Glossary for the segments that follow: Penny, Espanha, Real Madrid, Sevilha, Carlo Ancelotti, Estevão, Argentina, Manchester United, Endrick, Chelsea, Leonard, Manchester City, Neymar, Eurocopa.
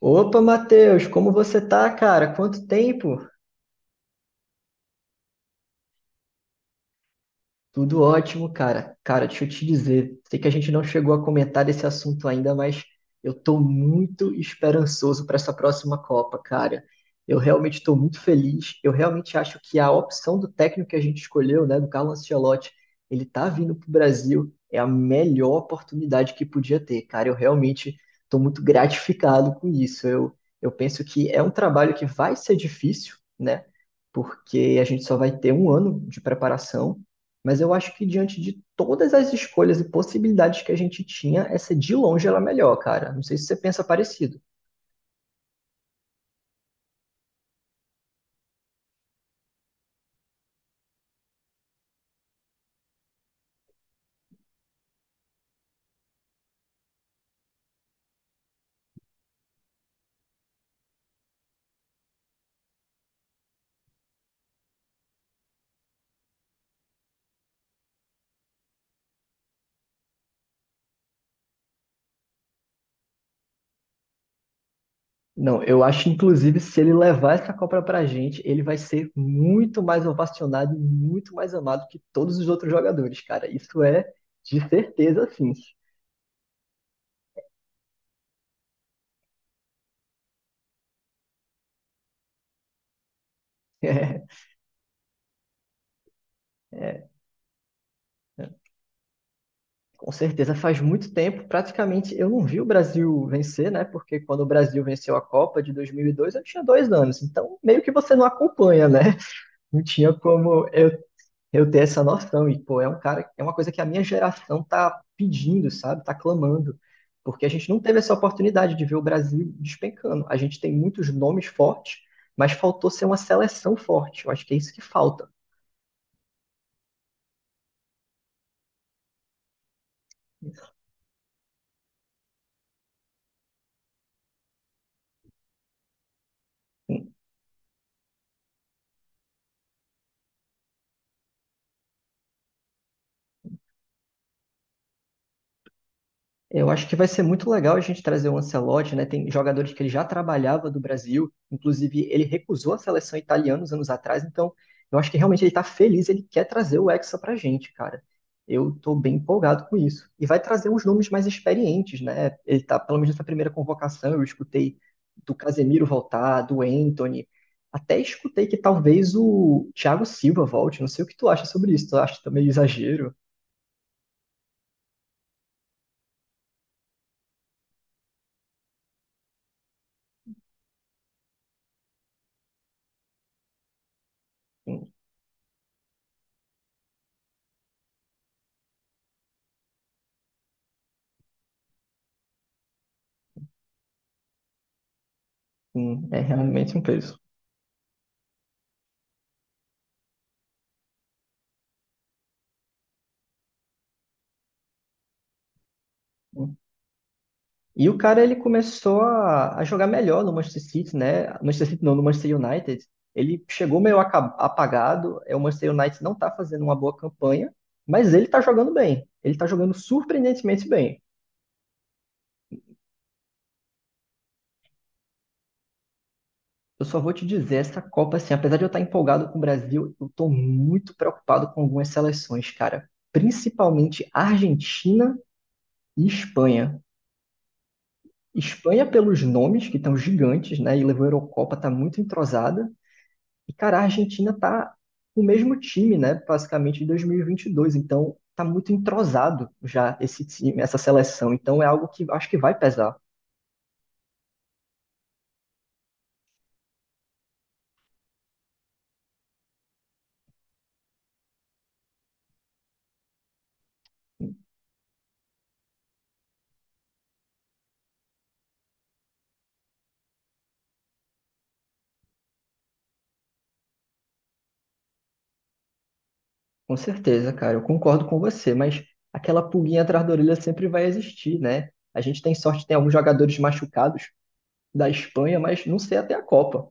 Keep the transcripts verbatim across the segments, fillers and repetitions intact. Opa, Matheus, como você tá, cara? Quanto tempo? Tudo ótimo, cara. Cara, deixa eu te dizer, sei que a gente não chegou a comentar desse assunto ainda, mas eu tô muito esperançoso para essa próxima Copa, cara. Eu realmente estou muito feliz. Eu realmente acho que a opção do técnico que a gente escolheu, né, do Carlo Ancelotti, ele tá vindo pro Brasil, é a melhor oportunidade que podia ter, cara. Eu realmente estou muito gratificado com isso. Eu, eu penso que é um trabalho que vai ser difícil, né? Porque a gente só vai ter um ano de preparação, mas eu acho que diante de todas as escolhas e possibilidades que a gente tinha, essa de longe era a melhor, cara. Não sei se você pensa parecido. Não, eu acho inclusive se ele levar essa Copa pra gente, ele vai ser muito mais ovacionado e muito mais amado que todos os outros jogadores, cara. Isso é de certeza, sim. É, é, com certeza faz muito tempo, praticamente eu não vi o Brasil vencer, né? Porque quando o Brasil venceu a Copa de dois mil e dois, eu tinha dois anos, então meio que você não acompanha, né? Não tinha como eu eu ter essa noção. E, pô, é um cara, é uma coisa que a minha geração tá pedindo, sabe? Tá clamando. Porque a gente não teve essa oportunidade de ver o Brasil despencando. A gente tem muitos nomes fortes, mas faltou ser uma seleção forte. Eu acho que é isso que falta. Eu acho que vai ser muito legal a gente trazer o Ancelotti, né? Tem jogadores que ele já trabalhava do Brasil, inclusive ele recusou a seleção italiana uns anos atrás, então eu acho que realmente ele tá feliz, ele quer trazer o Hexa pra gente, cara. Eu tô bem empolgado com isso. E vai trazer uns nomes mais experientes, né? Ele tá, pelo menos nessa primeira convocação, eu escutei do Casemiro voltar, do Anthony, até escutei que talvez o Thiago Silva volte, não sei o que tu acha sobre isso, tu acha também exagero? Hum, hum, É realmente um peso. E o cara ele começou a, a jogar melhor no Manchester City, né? Manchester City não, no Manchester United. Ele chegou meio aca- apagado. É, o Manchester United não tá fazendo uma boa campanha, mas ele tá jogando bem. Ele tá jogando surpreendentemente bem. Eu só vou te dizer, essa Copa, assim, apesar de eu estar empolgado com o Brasil, eu tô muito preocupado com algumas seleções, cara. Principalmente Argentina e Espanha. Espanha, pelos nomes, que estão gigantes, né? E levou a Eurocopa, tá muito entrosada. E, cara, a Argentina tá com o mesmo time, né? Basicamente de dois mil e vinte e dois. Então, tá muito entrosado já esse time, essa seleção. Então, é algo que acho que vai pesar. Com certeza, cara. Eu concordo com você, mas aquela pulguinha atrás da orelha sempre vai existir, né? A gente tem sorte, tem alguns jogadores machucados da Espanha, mas não sei até a Copa.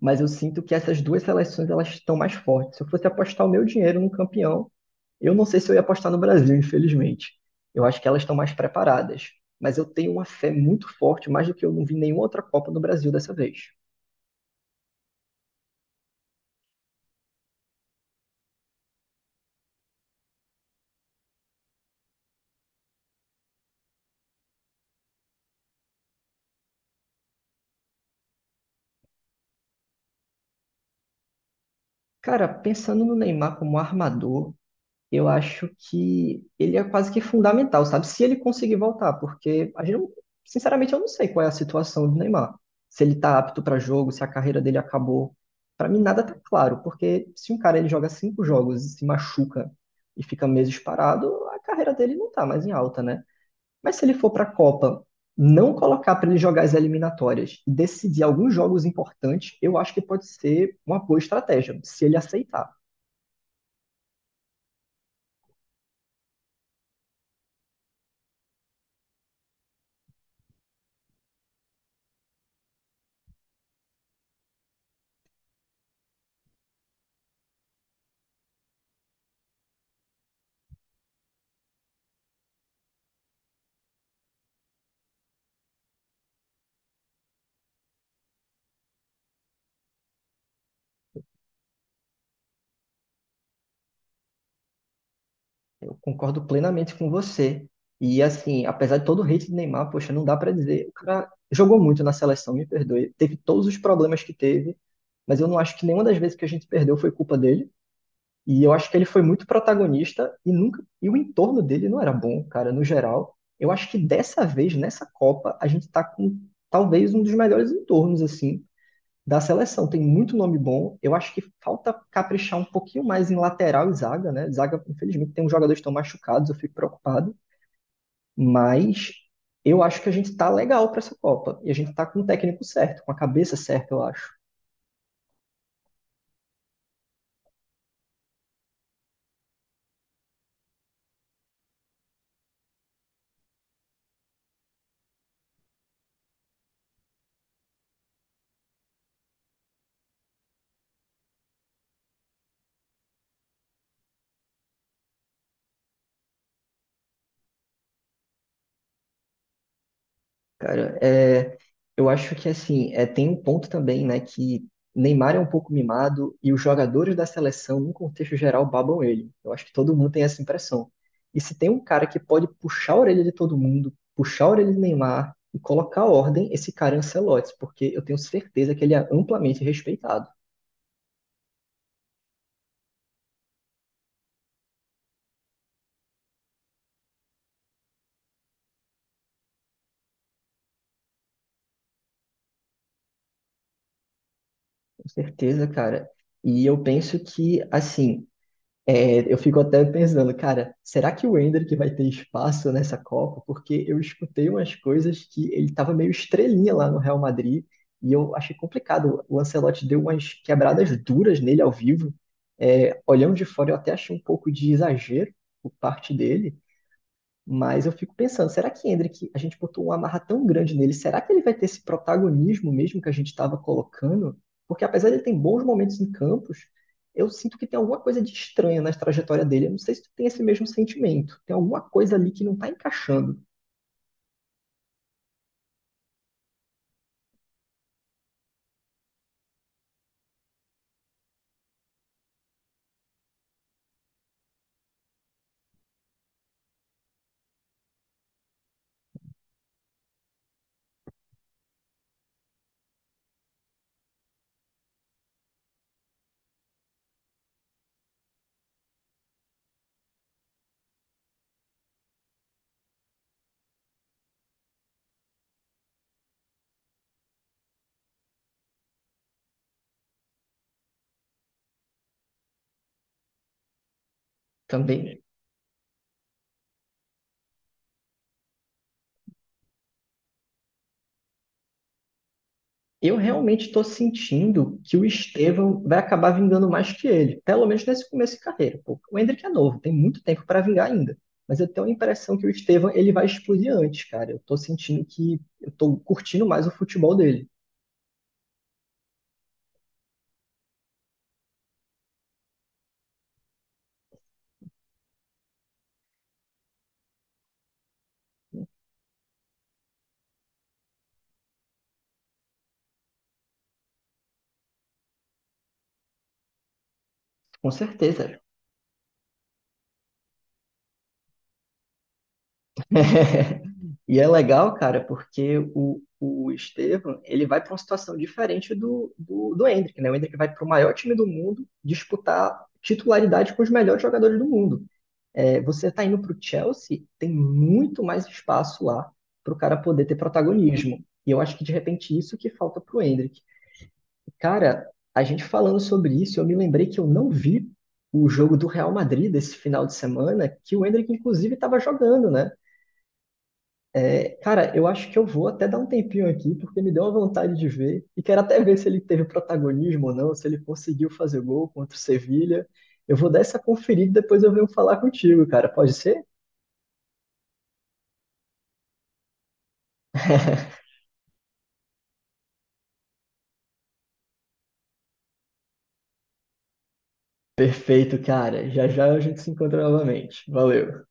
Mas eu sinto que essas duas seleções elas estão mais fortes. Se eu fosse apostar o meu dinheiro num campeão, eu não sei se eu ia apostar no Brasil, infelizmente. Eu acho que elas estão mais preparadas, mas eu tenho uma fé muito forte, mais do que eu não vi nenhuma outra Copa no Brasil dessa vez. Cara, pensando no Neymar como armador, eu acho que ele é quase que fundamental, sabe? Se ele conseguir voltar, porque a gente não, sinceramente eu não sei qual é a situação do Neymar. Se ele tá apto para jogo, se a carreira dele acabou. Para mim nada tá claro, porque se um cara ele joga cinco jogos e se machuca e fica meses parado, a carreira dele não tá mais em alta, né? Mas se ele for para a Copa, não colocar para ele jogar as eliminatórias e decidir alguns jogos importantes, eu acho que pode ser uma boa estratégia, se ele aceitar. Concordo plenamente com você. E assim, apesar de todo o hate de Neymar, poxa, não dá pra dizer. O cara jogou muito na seleção, me perdoe. Teve todos os problemas que teve, mas eu não acho que nenhuma das vezes que a gente perdeu foi culpa dele. E eu acho que ele foi muito protagonista e nunca e o entorno dele não era bom, cara, no geral. Eu acho que dessa vez, nessa Copa, a gente tá com talvez um dos melhores entornos assim da seleção. Tem muito nome bom. Eu acho que falta caprichar um pouquinho mais em lateral e zaga, né? Zaga, infelizmente, tem uns jogadores que estão machucados, eu fico preocupado. Mas eu acho que a gente tá legal para essa Copa. E a gente tá com o técnico certo, com a cabeça certa, eu acho. Cara, é, eu acho que assim, é, tem um ponto também, né, que Neymar é um pouco mimado e os jogadores da seleção, num contexto geral, babam ele. Eu acho que todo mundo tem essa impressão. E se tem um cara que pode puxar a orelha de todo mundo, puxar a orelha de Neymar e colocar ordem, esse cara é Ancelotti, porque eu tenho certeza que ele é amplamente respeitado. Com certeza, cara. E eu penso que, assim, é, eu fico até pensando, cara, será que o Endrick vai ter espaço nessa Copa? Porque eu escutei umas coisas que ele estava meio estrelinha lá no Real Madrid e eu achei complicado. O Ancelotti deu umas quebradas duras nele ao vivo. É, olhando de fora, eu até achei um pouco de exagero por parte dele. Mas eu fico pensando, será que Hendrick, a gente botou uma amarra tão grande nele, será que ele vai ter esse protagonismo mesmo que a gente estava colocando? Porque apesar de ele ter bons momentos em campos, eu sinto que tem alguma coisa de estranha na trajetória dele. Eu não sei se tu tem esse mesmo sentimento. Tem alguma coisa ali que não está encaixando também. Eu realmente estou sentindo que o Estevão vai acabar vingando mais que ele, pelo menos nesse começo de carreira. Pô. O Endrick é novo, tem muito tempo para vingar ainda. Mas eu tenho a impressão que o Estevão ele vai explodir antes, cara. Eu estou sentindo que eu estou curtindo mais o futebol dele, com certeza. E é legal, cara, porque o, o Estevão ele vai para uma situação diferente do, do, do Hendrick, né? O Hendrick vai para o maior time do mundo disputar titularidade com os melhores jogadores do mundo. É, você está indo para o Chelsea, tem muito mais espaço lá para o cara poder ter protagonismo. E eu acho que de repente isso que falta para o Endrick. Cara, a gente falando sobre isso, eu me lembrei que eu não vi o jogo do Real Madrid desse final de semana, que o Endrick inclusive estava jogando, né? É, cara, eu acho que eu vou até dar um tempinho aqui, porque me deu uma vontade de ver. E quero até ver se ele teve protagonismo ou não, se ele conseguiu fazer gol contra o Sevilha. Eu vou dar essa conferida e depois eu venho falar contigo, cara. Pode ser? Perfeito, cara. Já já a gente se encontra novamente. Valeu.